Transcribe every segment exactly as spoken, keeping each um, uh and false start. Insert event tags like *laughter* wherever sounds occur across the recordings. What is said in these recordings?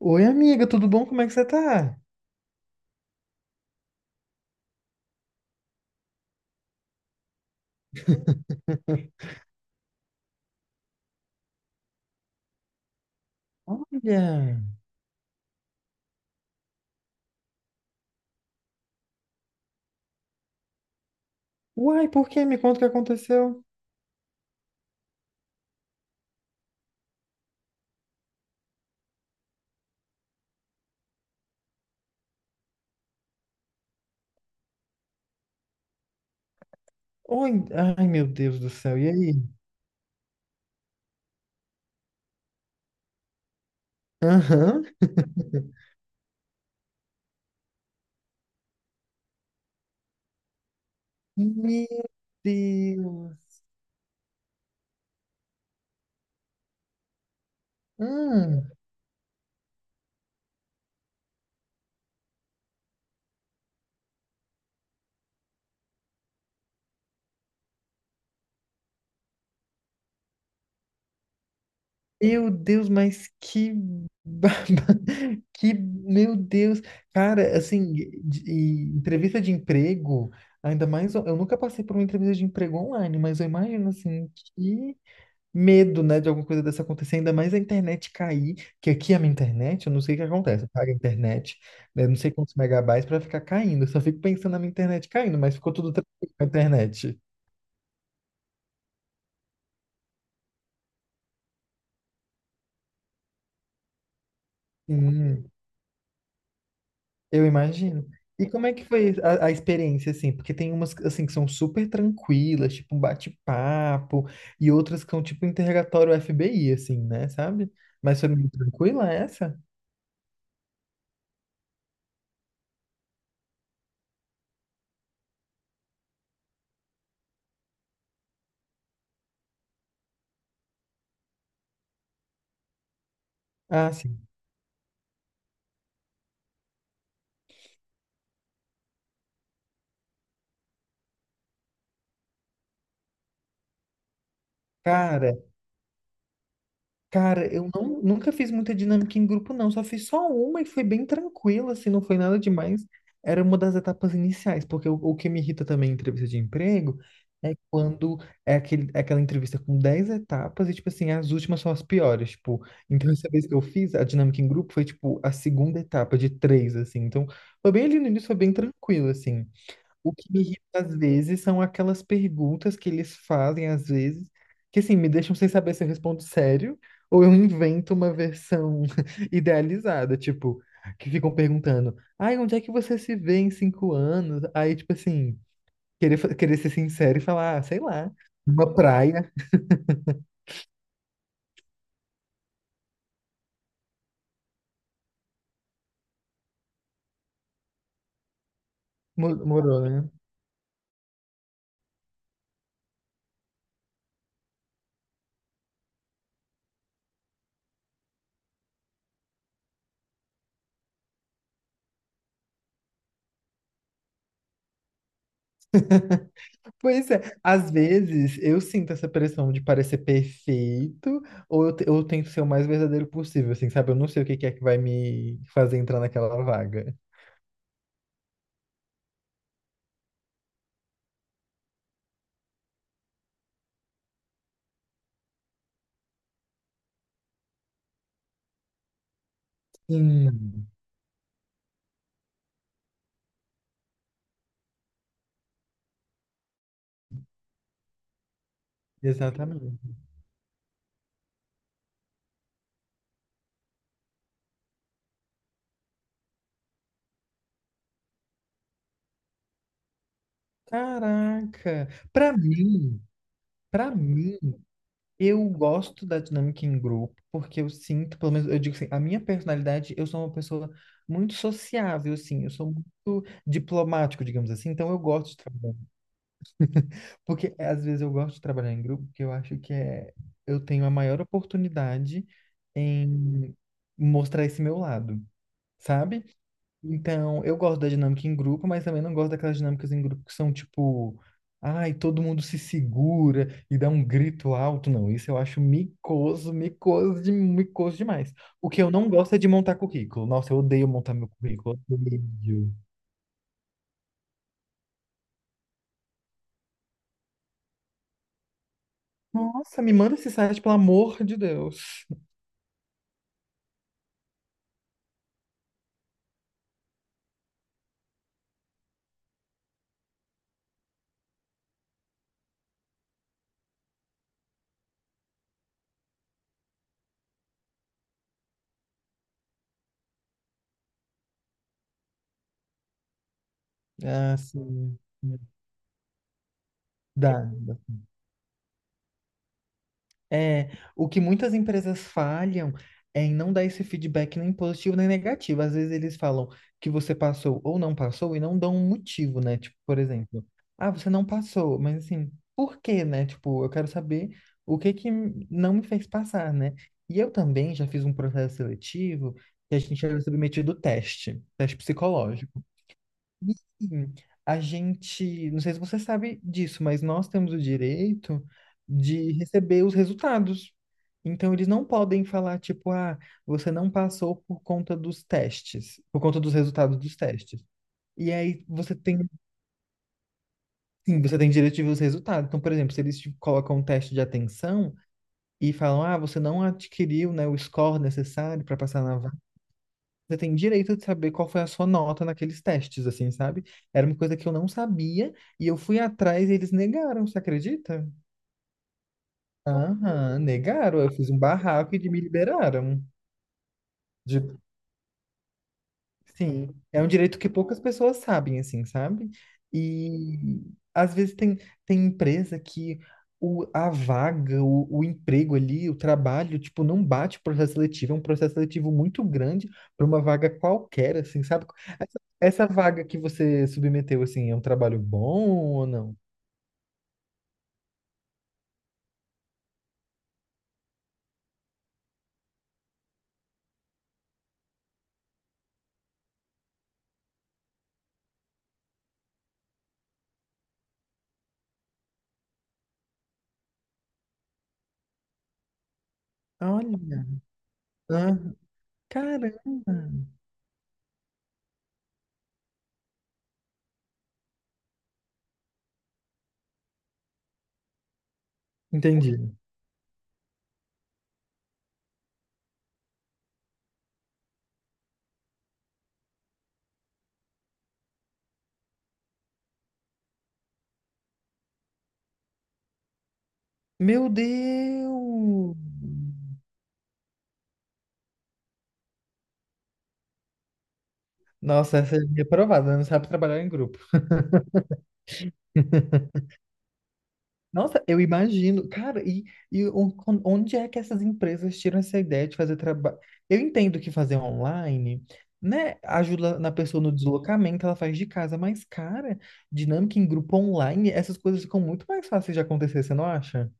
Oi, amiga, tudo bom? Como é que você tá? Olha. Uai, por quê? Me conta o que aconteceu. Oi, ai, meu Deus do céu, e aí? Aham. *laughs* Meu Deus. Hum. Meu Deus, mas que baba- *laughs* que meu Deus. Cara, assim, de- e entrevista de emprego, ainda mais, eu nunca passei por uma entrevista de emprego online, mas eu imagino assim que medo, né, de alguma coisa dessa acontecer, ainda mais a internet cair, que aqui é a minha internet, eu não sei o que acontece, eu pago a internet, né, não sei quantos megabytes para ficar caindo, eu só fico pensando na minha internet caindo, mas ficou tudo tranquilo com a internet. Sim, eu imagino. E como é que foi a, a experiência, assim? Porque tem umas, assim, que são super tranquilas, tipo um bate-papo, e outras que são tipo interrogatório F B I, assim, né, sabe? Mas foi muito tranquila essa? Ah, sim. Cara, Cara, eu não, nunca fiz muita dinâmica em grupo, não. Só fiz só uma e foi bem tranquila, assim, não foi nada demais. Era uma das etapas iniciais, porque o, o que me irrita também em entrevista de emprego é quando é aquele, é aquela entrevista com dez etapas e, tipo assim, as últimas são as piores, tipo. Então, essa vez que eu fiz a dinâmica em grupo foi, tipo, a segunda etapa de três, assim. Então, foi bem ali no início, foi bem tranquilo, assim. O que me irrita às vezes são aquelas perguntas que eles fazem às vezes, que assim, me deixam sem saber se eu respondo sério ou eu invento uma versão *laughs* idealizada, tipo, que ficam perguntando: "Ai, onde é que você se vê em cinco anos?" Aí, tipo assim, querer, fa- querer ser sincero e falar, ah, sei lá, uma praia, morou, né?" Pois é, às vezes eu sinto essa pressão de parecer perfeito, ou eu, te- eu tento ser o mais verdadeiro possível, assim, sabe? Eu não sei o que que é que vai me fazer entrar naquela vaga. Sim, exatamente. Caraca, pra mim, pra mim, eu gosto da dinâmica em grupo, porque eu sinto, pelo menos eu digo assim, a minha personalidade, eu sou uma pessoa muito sociável, assim, eu sou muito diplomático, digamos assim, então eu gosto de trabalhar. Porque é, às vezes eu gosto de trabalhar em grupo, porque eu acho que é, eu tenho a maior oportunidade em mostrar esse meu lado, sabe? Então, eu gosto da dinâmica em grupo, mas também não gosto daquelas dinâmicas em grupo que são tipo, ai, todo mundo se segura e dá um grito alto. Não, isso eu acho micoso, micoso, de, micoso demais. O que eu não gosto é de montar currículo. Nossa, eu odeio montar meu currículo. Odeio. Nossa, me manda esse site, pelo amor de Deus. Ah, sim. Dá. É, o que muitas empresas falham é em não dar esse feedback nem positivo nem negativo. Às vezes eles falam que você passou ou não passou e não dão um motivo, né? Tipo, por exemplo, ah, você não passou, mas assim, por quê, né? Tipo, eu quero saber o que que não me fez passar, né? E eu também já fiz um processo seletivo que a gente era submetido ao teste, teste psicológico. Sim, a gente, não sei se você sabe disso, mas nós temos o direito de receber os resultados. Então, eles não podem falar, tipo, ah, você não passou por conta dos testes, por conta dos resultados dos testes. E aí você tem, sim, você tem direito de ver os resultados. Então, por exemplo, se eles te colocam um teste de atenção e falam, ah, você não adquiriu, né, o score necessário para passar na. Você tem direito de saber qual foi a sua nota naqueles testes, assim, sabe? Era uma coisa que eu não sabia e eu fui atrás e eles negaram, você acredita? Aham, negaram. Eu fiz um barraco e me liberaram. De, sim, é um direito que poucas pessoas sabem, assim, sabe? E às vezes tem, tem empresa que o, a vaga, o, o emprego ali, o trabalho, tipo, não bate o processo seletivo, é um processo seletivo muito grande para uma vaga qualquer, assim, sabe? Essa, essa vaga que você submeteu, assim, é um trabalho bom ou não? Olha, ah, caramba, entendi. Meu Deus! Nossa, essa é reprovada, né? Não sabe trabalhar em grupo. *laughs* Nossa, eu imagino, cara, e, e on- on- onde é que essas empresas tiram essa ideia de fazer trabalho? Eu entendo que fazer online, né, ajuda na pessoa no deslocamento, ela faz de casa, mas, cara, dinâmica em grupo online, essas coisas ficam muito mais fáceis de acontecer, você não acha?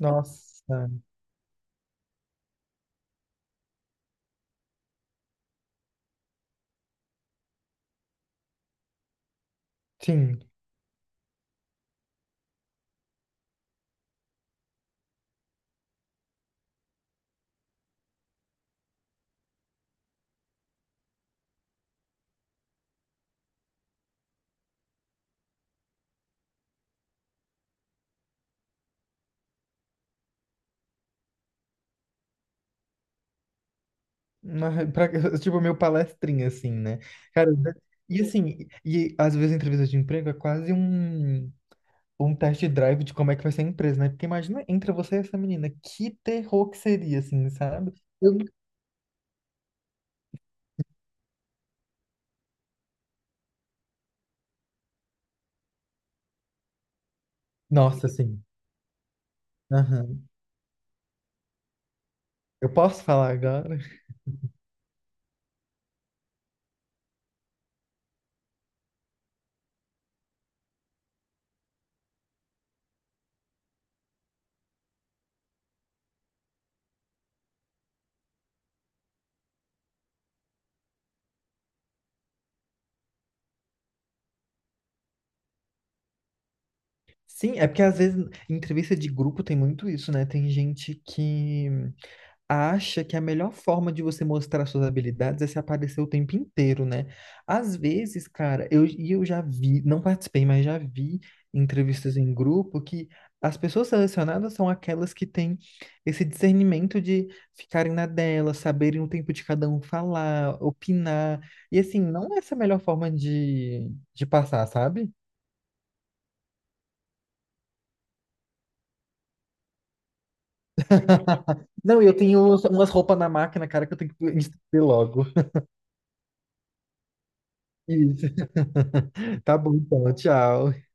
Nossa, sim. Na- pra- *laughs* tipo, meu palestrinha, assim, né? Cara, e assim, e às vezes a entrevista de emprego é quase um. um test drive de como é que vai ser a empresa, né? Porque imagina, entra você e essa menina, que terror que seria, assim, sabe? Eu- nossa, assim. Aham. Eu posso falar agora? Sim, é porque às vezes em entrevista de grupo tem muito isso, né? Tem gente que acha que a melhor forma de você mostrar suas habilidades é se aparecer o tempo inteiro, né? Às vezes, cara, eu, e eu já vi, não participei, mas já vi entrevistas em grupo que as pessoas selecionadas são aquelas que têm esse discernimento de ficarem na dela, saberem o tempo de cada um falar, opinar. E assim, não é essa a melhor forma de, de passar, sabe? *laughs* Não, e eu tenho umas roupas na máquina, cara, que eu tenho que *laughs* ver logo. Isso. *laughs* Tá bom, então. Tchau.